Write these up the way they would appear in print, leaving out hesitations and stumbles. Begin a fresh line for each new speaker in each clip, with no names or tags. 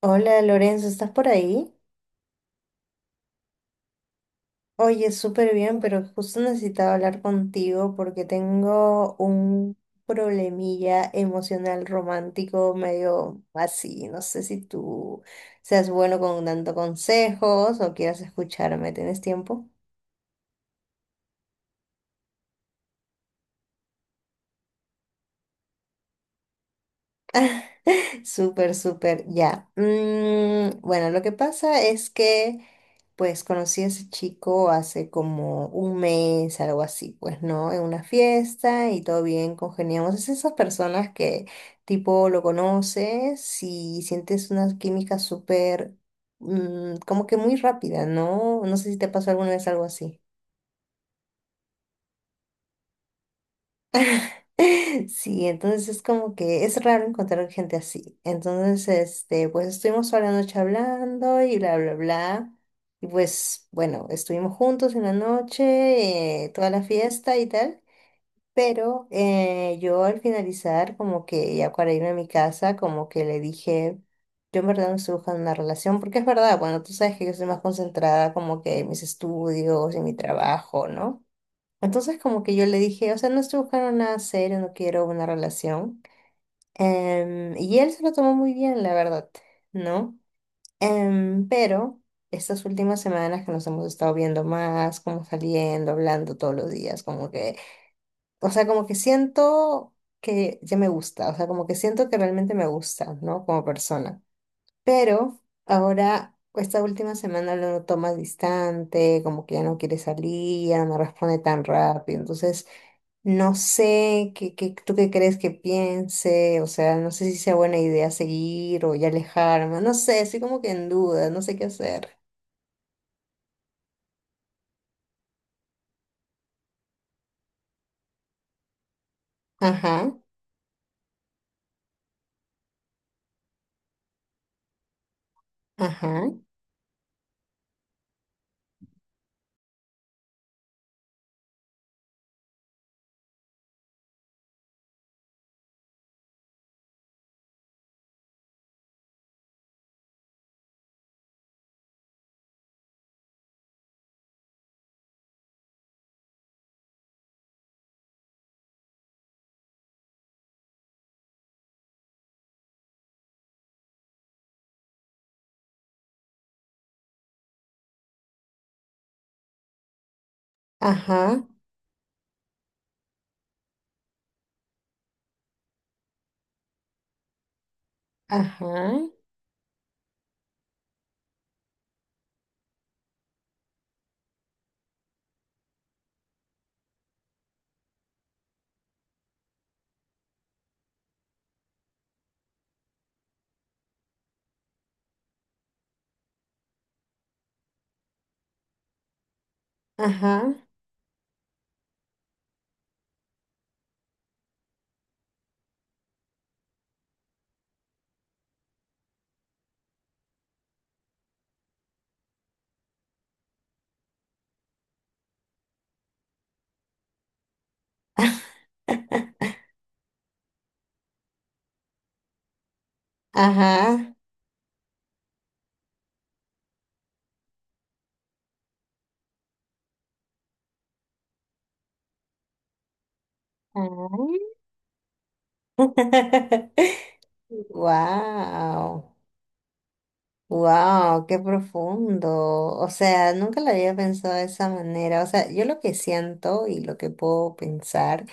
Hola Lorenzo, ¿estás por ahí? Oye, súper bien, pero justo necesitaba hablar contigo porque tengo un problemilla emocional romántico medio así. No sé si tú seas bueno con dando consejos o quieras escucharme. ¿Tienes tiempo? Súper, súper, ya. Bueno, lo que pasa es que, pues, conocí a ese chico hace como un mes, algo así, pues, ¿no? En una fiesta y todo bien, congeniamos. Es esas personas que, tipo, lo conoces y sientes una química súper, como que muy rápida, ¿no? No sé si te pasó alguna vez algo así. Sí, entonces es como que es raro encontrar gente así. Entonces, este, pues estuvimos toda la noche hablando y bla, bla, bla. Y pues, bueno, estuvimos juntos en la noche, toda la fiesta y tal. Pero yo al finalizar, como que ya para irme a mi casa, como que le dije, yo en verdad no estoy buscando una relación, porque es verdad, bueno, tú sabes que yo soy más concentrada como que en mis estudios, en mi trabajo, ¿no? Entonces como que yo le dije, o sea, no estoy buscando nada serio, no quiero una relación. Y él se lo tomó muy bien, la verdad, ¿no? Pero estas últimas semanas que nos hemos estado viendo más, como saliendo, hablando todos los días, como que, o sea, como que siento que ya me gusta, o sea, como que siento que realmente me gusta, ¿no? Como persona. Pero ahora, esta última semana lo noto más distante, como que ya no quiere salir, ya no me responde tan rápido, entonces... No sé, ¿ tú qué crees que piense? O sea, no sé si sea buena idea seguir o ya alejarme. No sé, estoy como que en duda, no sé qué hacer. Ajá, ajá, ajá, ajá, ajá, ajá, ajá. Wow, wow, qué profundo. O sea, nunca lo había pensado de esa manera. O sea, yo lo que siento y lo que puedo pensar.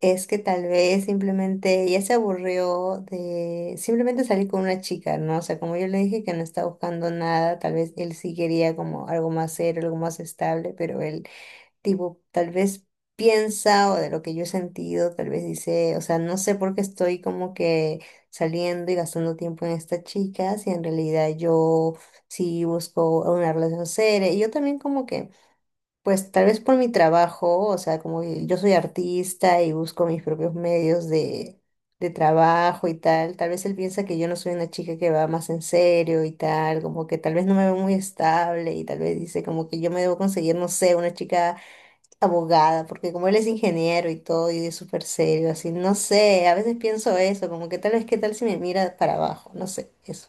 Es que tal vez simplemente ella se aburrió de simplemente salir con una chica, ¿no? O sea, como yo le dije que no está buscando nada, tal vez él sí quería como algo más serio, algo más estable, pero él, tipo, tal vez piensa o de lo que yo he sentido, tal vez dice, o sea, no sé por qué estoy como que saliendo y gastando tiempo en esta chica, si en realidad yo sí busco una relación seria. Y yo también como que pues tal vez por mi trabajo, o sea, como que yo soy artista y busco mis propios medios de trabajo y tal, tal vez él piensa que yo no soy una chica que va más en serio y tal, como que tal vez no me veo muy estable y tal vez dice como que yo me debo conseguir, no sé, una chica abogada, porque como él es ingeniero y todo y es súper serio, así, no sé, a veces pienso eso, como que tal vez qué tal si me mira para abajo, no sé, eso.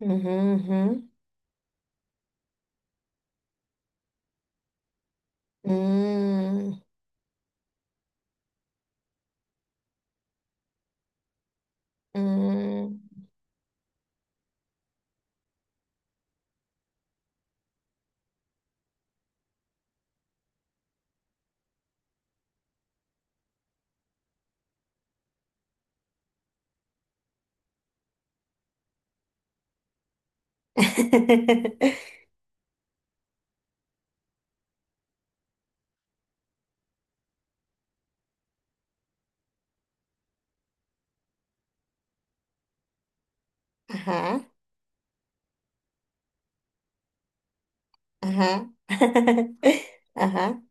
Ujú, ujú. Mm. Ajá. Ajá. Ajá,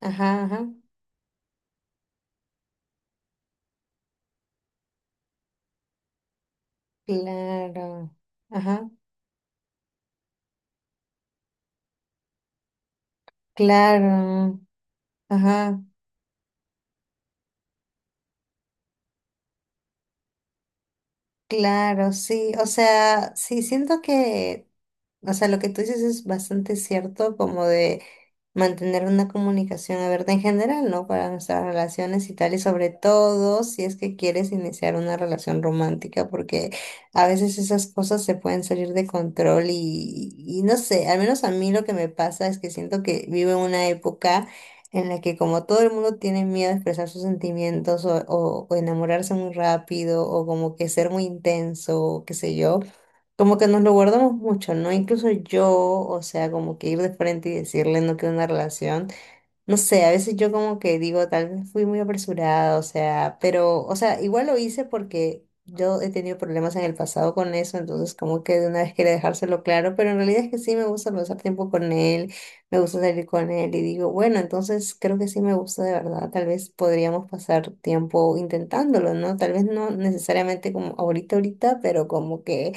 ajá, ajá. Claro. Ajá, claro. Ajá, claro, sí. O sea, sí, siento que. O sea, lo que tú dices es bastante cierto, como de mantener una comunicación abierta en general, ¿no? Para nuestras relaciones y tal, y sobre todo si es que quieres iniciar una relación romántica, porque a veces esas cosas se pueden salir de control y no sé, al menos a mí lo que me pasa es que siento que vivo en una época en la que como todo el mundo tiene miedo a expresar sus sentimientos o, o enamorarse muy rápido o como que ser muy intenso, o qué sé yo. Como que nos lo guardamos mucho, ¿no? Incluso yo, o sea, como que ir de frente y decirle no quiero una relación. No sé, a veces yo como que digo, tal vez fui muy apresurada, o sea, pero, o sea, igual lo hice porque yo he tenido problemas en el pasado con eso, entonces como que de una vez quería dejárselo claro, pero en realidad es que sí me gusta pasar tiempo con él, me gusta salir con él y digo, bueno, entonces creo que sí me gusta de verdad, tal vez podríamos pasar tiempo intentándolo, ¿no? Tal vez no necesariamente como ahorita, ahorita, pero como que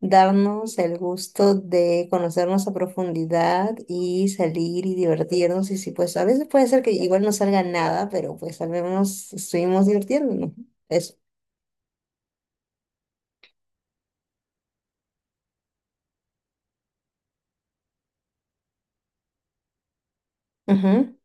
darnos el gusto de conocernos a profundidad y salir y divertirnos. Y si pues a veces puede ser que igual no salga nada, pero pues al menos estuvimos divirtiéndonos. Eso. Ujú.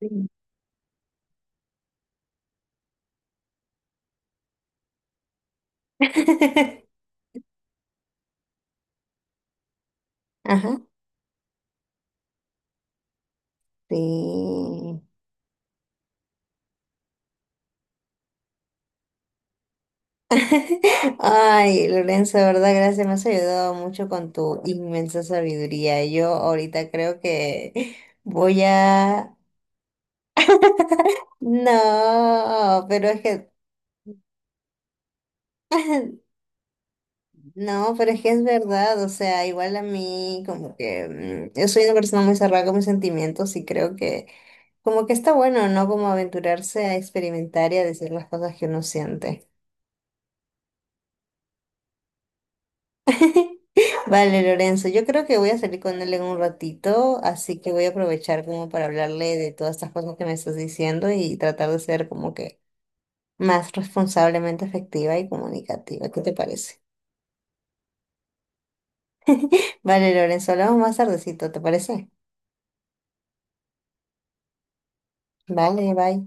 Sí. Ajá. Sí. Ay, Lorenzo, de verdad, gracias. Me has ayudado mucho con tu inmensa sabiduría. Yo ahorita creo que voy a... No, pero es que no, pero es que es verdad, o sea, igual a mí como que yo soy una persona muy cerrada con mis sentimientos y creo que como que está bueno, ¿no? Como aventurarse a experimentar y a decir las cosas que uno siente. Vale, Lorenzo, yo creo que voy a salir con él en un ratito, así que voy a aprovechar como para hablarle de todas estas cosas que me estás diciendo y tratar de ser como que más responsablemente efectiva y comunicativa. ¿Qué te parece? Vale, Lorenzo, hablamos más tardecito, ¿te parece? Vale, bye.